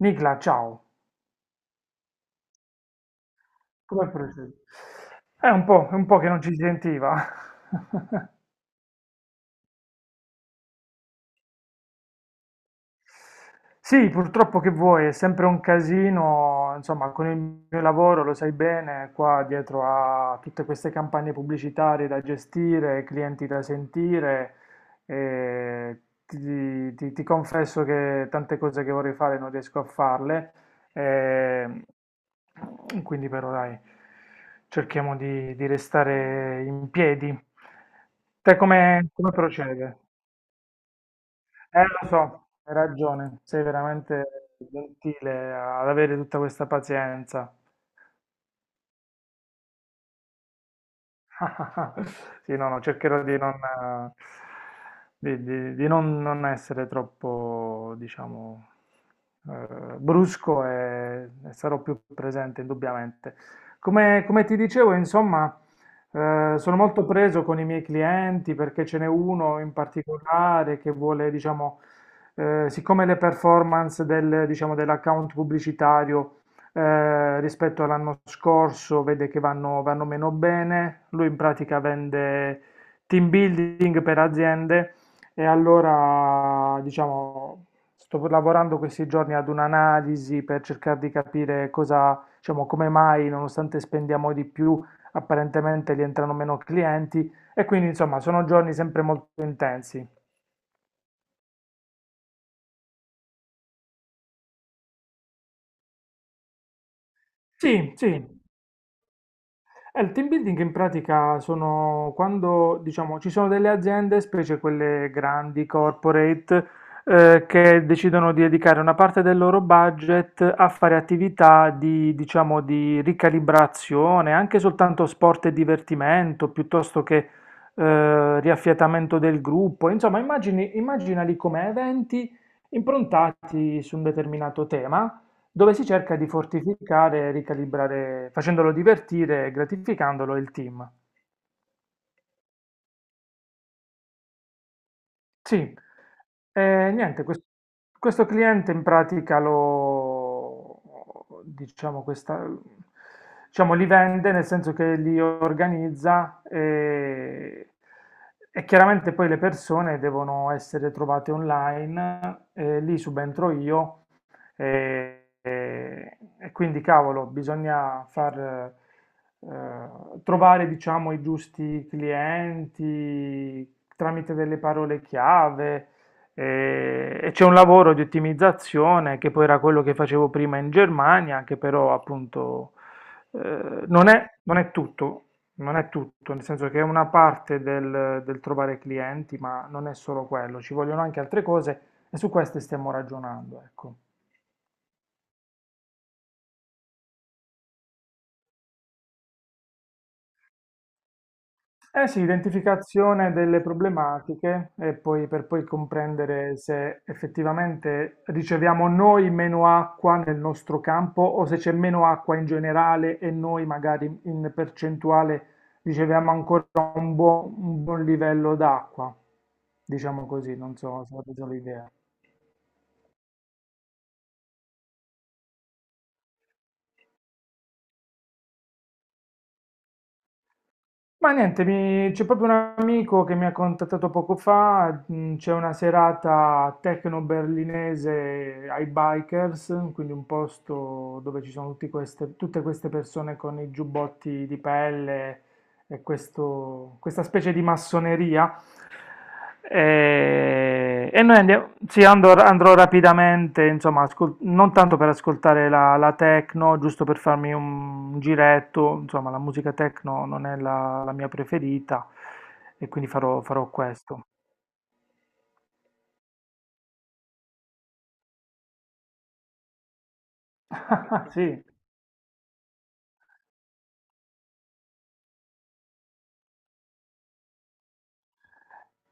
Nicla, ciao, come procedi? È un po' che non ci si sentiva. Sì, purtroppo che vuoi, è sempre un casino, insomma, con il mio lavoro lo sai bene, qua dietro a tutte queste campagne pubblicitarie da gestire, clienti da sentire, e ti confesso che tante cose che vorrei fare non riesco a farle, e quindi però dai, cerchiamo di restare in piedi. Te come procede? Lo so, hai ragione, sei veramente gentile ad avere tutta questa pazienza. Sì, no, no, cercherò di non, di non essere troppo, diciamo, brusco e sarò più presente indubbiamente. Come ti dicevo, insomma, sono molto preso con i miei clienti perché ce n'è uno in particolare che vuole, diciamo, siccome le performance del, diciamo, dell'account pubblicitario rispetto all'anno scorso vede che vanno meno bene, lui in pratica vende team building per aziende e allora diciamo sto lavorando questi giorni ad un'analisi per cercare di capire cosa, diciamo, come mai nonostante spendiamo di più apparentemente gli entrano meno clienti e quindi insomma sono giorni sempre molto intensi. Sì, sì. Il team building in pratica sono quando, diciamo, ci sono delle aziende, specie quelle grandi, corporate, che decidono di dedicare una parte del loro budget a fare attività di, diciamo, di ricalibrazione, anche soltanto sport e divertimento, piuttosto che riaffiatamento del gruppo. Insomma, immaginali come eventi improntati su un determinato tema dove si cerca di fortificare e ricalibrare, facendolo divertire e gratificandolo il team. Sì, e niente, questo cliente in pratica lo, diciamo, questa, diciamo, li vende nel senso che li organizza e chiaramente poi le persone devono essere trovate online, e lì subentro io. E quindi, cavolo, bisogna far, trovare, diciamo, i giusti clienti tramite delle parole chiave. E c'è un lavoro di ottimizzazione che poi era quello che facevo prima in Germania, che però appunto eh, non è, non è tutto, non è tutto, nel senso che è una parte del, del trovare clienti, ma non è solo quello, ci vogliono anche altre cose e su queste stiamo ragionando, ecco. Eh sì, identificazione delle problematiche e poi per poi comprendere se effettivamente riceviamo noi meno acqua nel nostro campo o se c'è meno acqua in generale e noi magari in percentuale riceviamo ancora un buon livello d'acqua. Diciamo così, non so se ho preso l'idea. Ma niente, c'è proprio un amico che mi ha contattato poco fa, c'è una serata techno berlinese ai Bikers, quindi un posto dove ci sono tutte queste persone con i giubbotti di pelle e questa specie di massoneria e noi andiamo, sì, andrò rapidamente, insomma, non tanto per ascoltare la techno, giusto per farmi un giretto, insomma, la musica techno non è la mia preferita e quindi farò questo. Sì.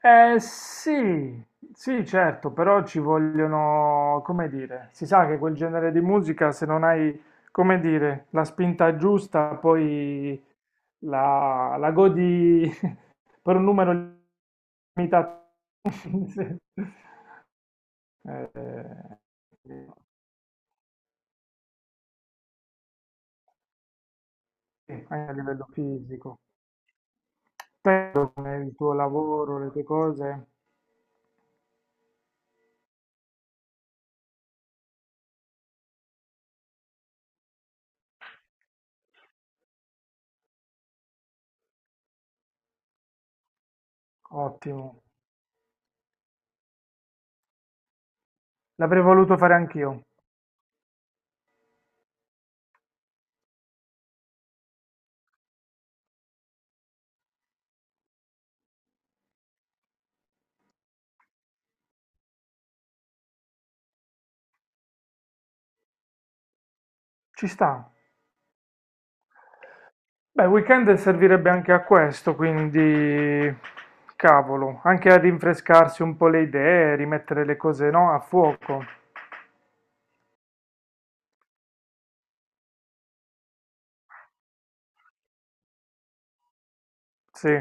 Sì, sì, certo, però ci vogliono, come dire, si sa che quel genere di musica, se non hai, come dire, la spinta giusta, poi la godi per un numero limitato. Eh, sì, anche a livello fisico. Te, il tuo lavoro, le tue cose, ottimo. L'avrei voluto fare anch'io. Ci sta. Beh, il weekend servirebbe anche a questo, quindi cavolo, anche a rinfrescarsi un po' le idee, rimettere le cose, no, a fuoco. Sì.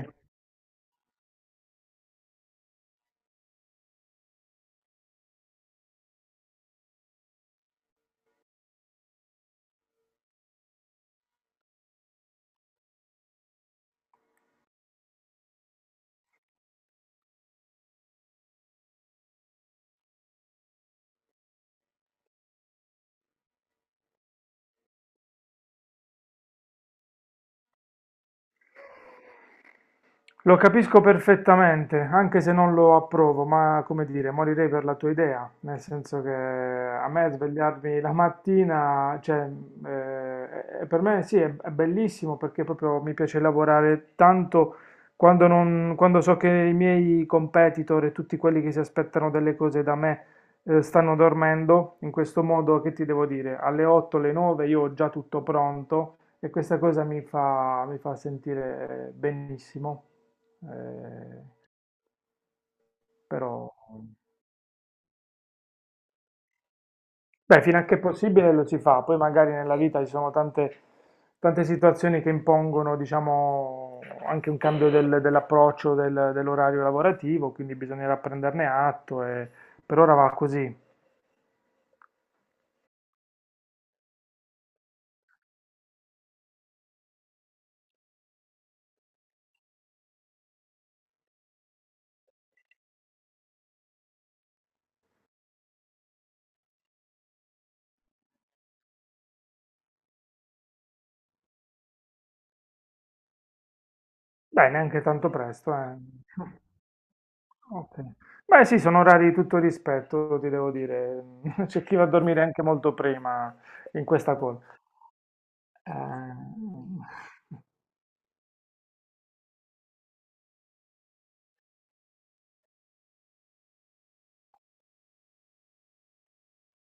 Lo capisco perfettamente, anche se non lo approvo, ma come dire, morirei per la tua idea, nel senso che a me svegliarmi la mattina, cioè, per me sì, è bellissimo perché proprio mi piace lavorare tanto quando, quando so che i miei competitor e tutti quelli che si aspettano delle cose da me, stanno dormendo, in questo modo che ti devo dire, alle 8, alle 9 io ho già tutto pronto e questa cosa mi fa sentire benissimo. Eh, Però, beh, fino a che è possibile lo si fa, poi magari nella vita ci sono tante, tante situazioni che impongono, diciamo, anche un cambio dell'approccio dell'orario lavorativo, quindi bisognerà prenderne atto e per ora va così. Beh, neanche tanto presto, eh. Ok. Beh, sì, sono orari di tutto rispetto, ti devo dire. C'è chi va a dormire anche molto prima in questa call. Eh,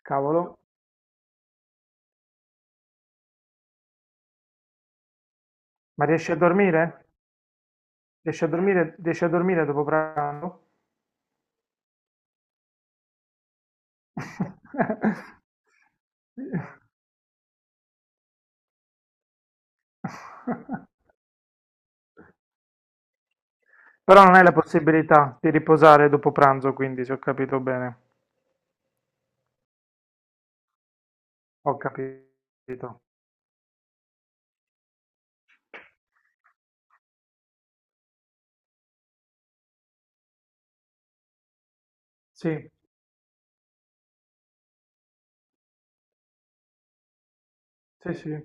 Cavolo, ma riesci a dormire? Riesci a dormire dopo pranzo? Però non hai la possibilità di riposare dopo pranzo, quindi se ho capito bene, ho capito. Sì, sì, sì.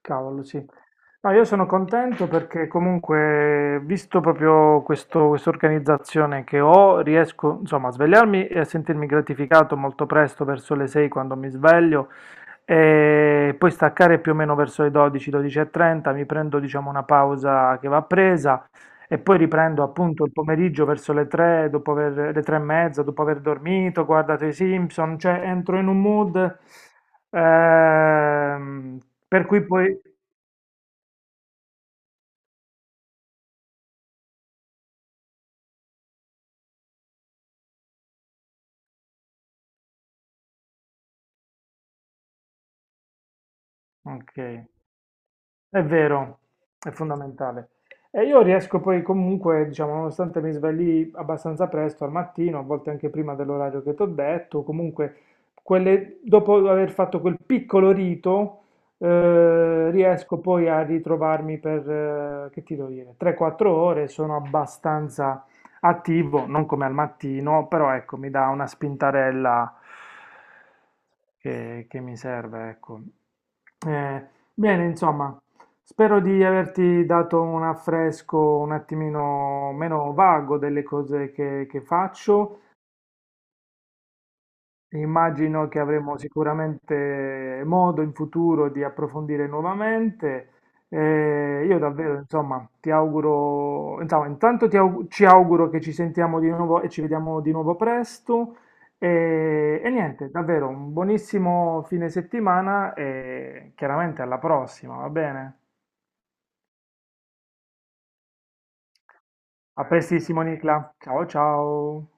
Cavolo, sì. No, io sono contento perché comunque, visto proprio questa organizzazione che ho, riesco, insomma, a svegliarmi e a sentirmi gratificato molto presto, verso le 6 quando mi sveglio, e poi staccare più o meno verso le 12, 12:30, mi prendo, diciamo, una pausa che va presa e poi riprendo appunto il pomeriggio verso le 3, dopo aver, le 3 e mezza, dopo aver dormito, guardato i Simpson, cioè entro in un mood. Ehm, per cui poi. Ok. È vero, è fondamentale. E io riesco poi comunque, diciamo, nonostante mi svegli abbastanza presto al mattino, a volte anche prima dell'orario che ti ho detto, comunque dopo aver fatto quel piccolo rito, riesco poi a ritrovarmi per, che ti devo dire, 3-4 ore, sono abbastanza attivo, non come al mattino, però ecco, mi dà una spintarella che mi serve, ecco. Eh, Bene, insomma. Spero di averti dato un affresco un attimino meno vago delle cose che faccio. Immagino che avremo sicuramente modo in futuro di approfondire nuovamente. Io davvero, insomma, ti auguro, insomma, intanto ci auguro che ci sentiamo di nuovo e ci vediamo di nuovo presto. E niente, davvero un buonissimo fine settimana e chiaramente alla prossima, va bene? A prestissimo Nicla, ciao ciao!